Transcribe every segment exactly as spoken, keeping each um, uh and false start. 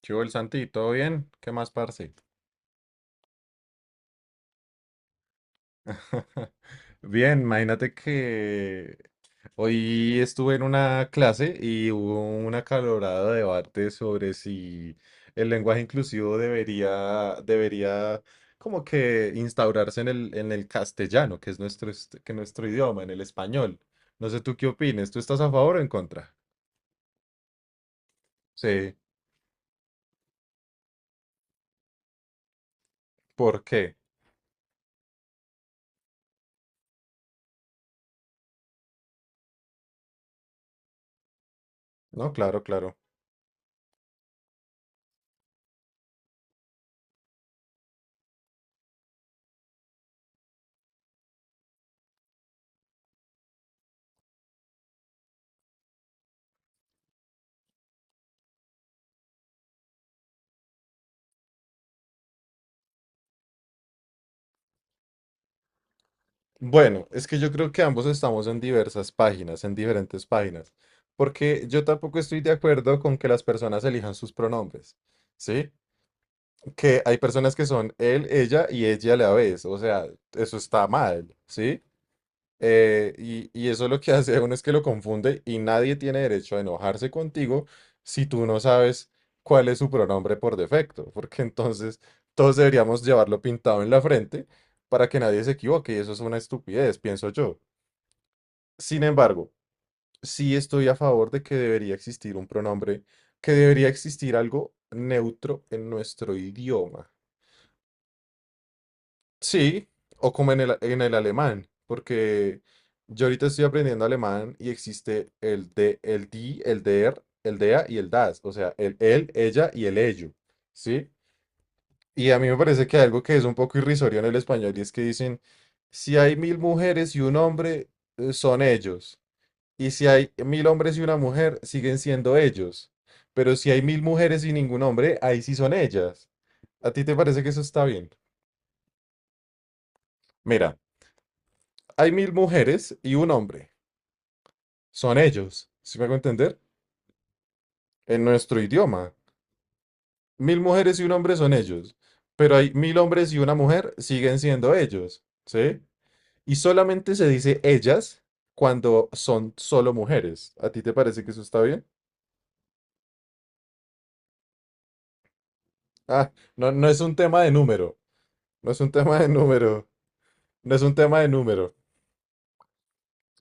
¿Qué hubo, el Santi? ¿Todo bien? ¿Qué más, parce? Bien, imagínate que hoy estuve en una clase y hubo un acalorado debate sobre si el lenguaje inclusivo debería, debería como que instaurarse en el, en el castellano, que es nuestro, est- que nuestro idioma, en el español. No sé tú qué opines, ¿tú estás a favor o en contra? Sí, ¿por qué? No, claro, claro. Bueno, es que yo creo que ambos estamos en diversas páginas, en diferentes páginas, porque yo tampoco estoy de acuerdo con que las personas elijan sus pronombres, ¿sí? Que hay personas que son él, ella y ella a la vez, o sea, eso está mal, ¿sí? Eh, y, y eso lo que hace a uno es que lo confunde y nadie tiene derecho a enojarse contigo si tú no sabes cuál es su pronombre por defecto, porque entonces todos deberíamos llevarlo pintado en la frente para que nadie se equivoque y eso es una estupidez, pienso yo. Sin embargo, sí estoy a favor de que debería existir un pronombre, que debería existir algo neutro en nuestro idioma. Sí, o como en el, en el alemán, porque yo ahorita estoy aprendiendo alemán y existe el de, el die, el der, el dea y el das, o sea, el él, ella y el ello, ¿sí? Y a mí me parece que algo que es un poco irrisorio en el español y es que dicen, si hay mil mujeres y un hombre, eh, son ellos. Y si hay mil hombres y una mujer, siguen siendo ellos. Pero si hay mil mujeres y ningún hombre, ahí sí son ellas. ¿A ti te parece que eso está bien? Mira, hay mil mujeres y un hombre. Son ellos. ¿Sí me hago entender? En nuestro idioma. Mil mujeres y un hombre son ellos. Pero hay mil hombres y una mujer, siguen siendo ellos. ¿Sí? Y solamente se dice ellas cuando son solo mujeres. ¿A ti te parece que eso está bien? Ah, no, no es un tema de número. No es un tema de número. No es un tema de número.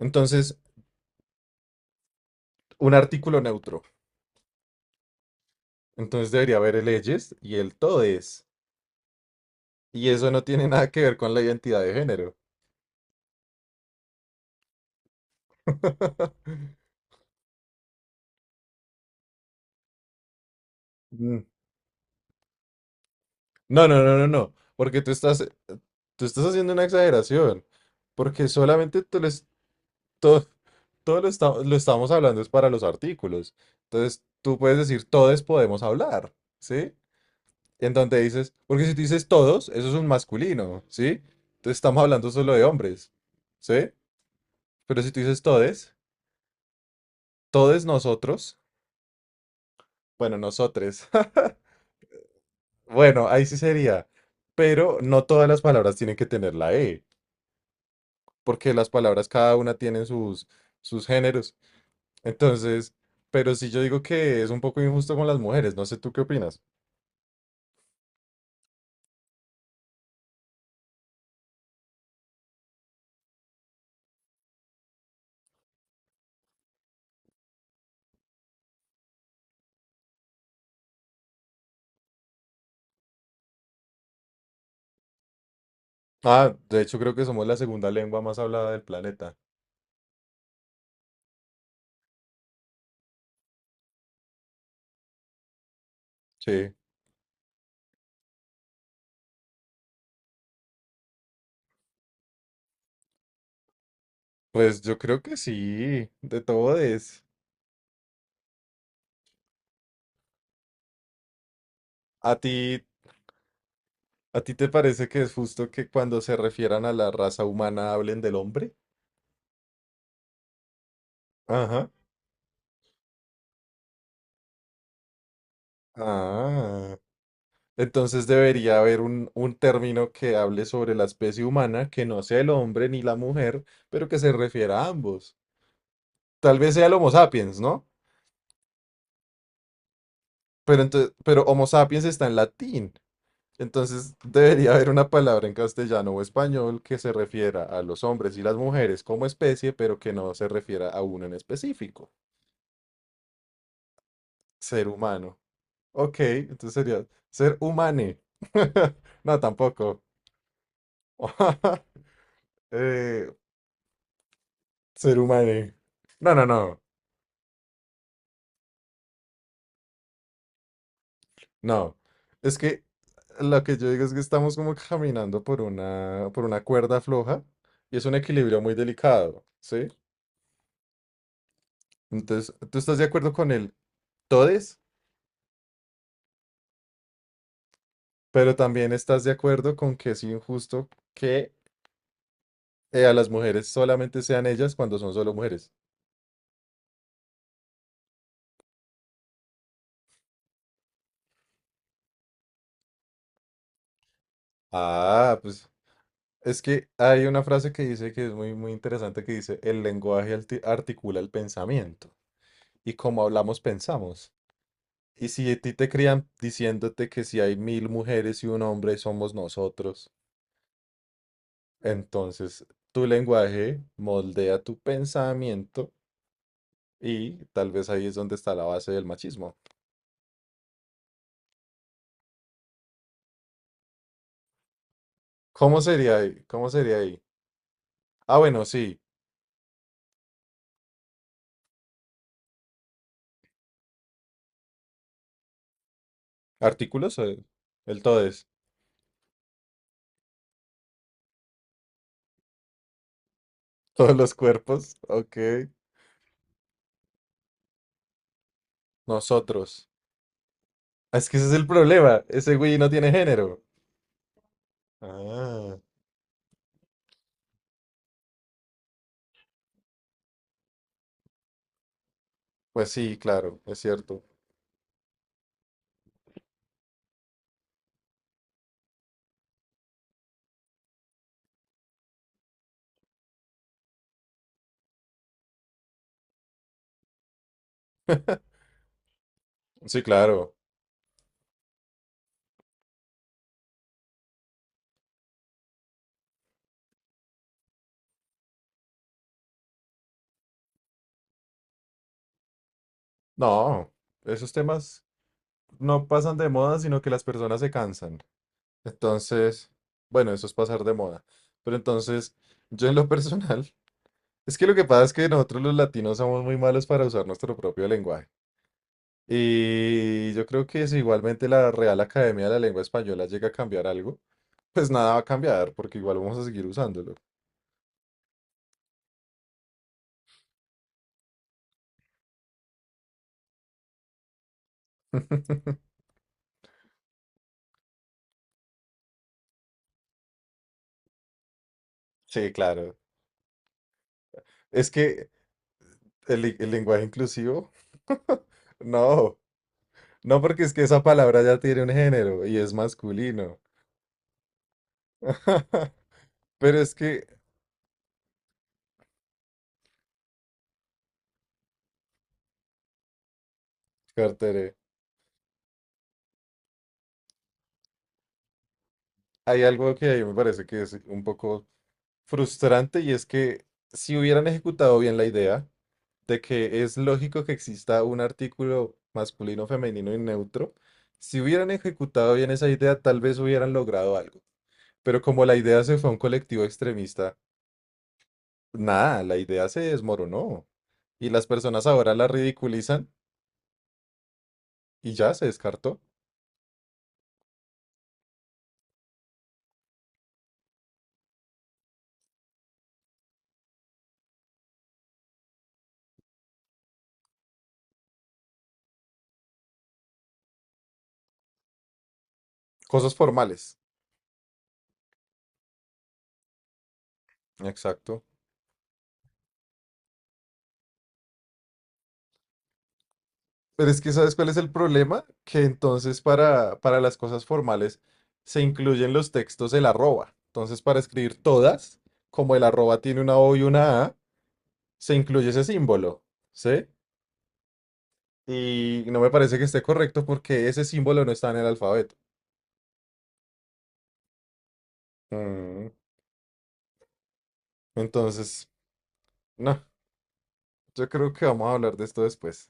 Entonces, un artículo neutro. Entonces debería haber el leyes y el todes. Y eso no tiene nada que ver con la identidad de género. Mm. No, no, no, no, no. Porque tú estás, eh, tú estás haciendo una exageración. Porque solamente tú les- todo, todo lo, esta- lo estamos hablando es para los artículos. Entonces tú puedes decir todes podemos hablar, ¿sí? En donde dices, porque si tú dices todos, eso es un masculino, ¿sí? Entonces estamos hablando solo de hombres, ¿sí? Pero si tú dices todes, todes nosotros, bueno, nosotres, bueno, ahí sí sería. Pero no todas las palabras tienen que tener la E, porque las palabras cada una tienen sus, sus géneros. Entonces, pero sí yo digo que es un poco injusto con las mujeres, no sé tú qué opinas. Ah, de hecho creo que somos la segunda lengua más hablada del planeta. Sí, pues yo creo que sí, de todes. ¿A ti, a ti te parece que es justo que cuando se refieran a la raza humana hablen del hombre? Ajá. Ah, entonces debería haber un, un término que hable sobre la especie humana, que no sea el hombre ni la mujer, pero que se refiera a ambos. Tal vez sea el Homo sapiens, ¿no? Pero entonces, pero Homo sapiens está en latín. Entonces debería haber una palabra en castellano o español que se refiera a los hombres y las mujeres como especie, pero que no se refiera a uno en específico. Ser humano. Ok, entonces sería ser humane. No, tampoco. Eh, Ser humano. No, no, no, no. Es que lo que yo digo es que estamos como caminando por una, por una cuerda floja y es un equilibrio muy delicado, ¿sí? Entonces, tú estás de acuerdo con el todes, pero también estás de acuerdo con que es injusto que eh, a las mujeres solamente sean ellas cuando son solo mujeres. Ah, pues es que hay una frase que dice que es muy, muy interesante que dice, el lenguaje alti- articula el pensamiento y como hablamos, pensamos. Y si a ti te crían diciéndote que si hay mil mujeres y un hombre somos nosotros, entonces tu lenguaje moldea tu pensamiento y tal vez ahí es donde está la base del machismo. ¿Cómo sería ahí? ¿Cómo sería ahí? Ah, bueno, sí. Artículos, eh, el todes. Todos los cuerpos. Ok. Nosotros. Ah, es que ese es el problema. Ese güey no tiene género. Ah, pues sí, claro, es cierto. Sí, claro. No, esos temas no pasan de moda, sino que las personas se cansan. Entonces, bueno, eso es pasar de moda. Pero entonces, yo en lo personal, es que lo que pasa es que nosotros los latinos somos muy malos para usar nuestro propio lenguaje. Y yo creo que si igualmente la Real Academia de la Lengua Española llega a cambiar algo, pues nada va a cambiar, porque igual vamos a seguir usándolo. Sí, claro. Es que el, li- el lenguaje inclusivo, no, no porque es que esa palabra ya tiene un género y es masculino. Pero es que, Cartere, hay algo que a mí me parece que es un poco frustrante y es que si hubieran ejecutado bien la idea de que es lógico que exista un artículo masculino, femenino y neutro, si hubieran ejecutado bien esa idea, tal vez hubieran logrado algo. Pero como la idea se fue a un colectivo extremista, nada, la idea se desmoronó. Y las personas ahora la ridiculizan y ya se descartó. Cosas formales. Exacto. Pero es que ¿sabes cuál es el problema? Que entonces para, para, las cosas formales se incluyen los textos el arroba. Entonces para escribir todas, como el arroba tiene una O y una A, se incluye ese símbolo, ¿sí? Y no me parece que esté correcto porque ese símbolo no está en el alfabeto. Mm, Entonces, no, yo creo que vamos a hablar de esto después.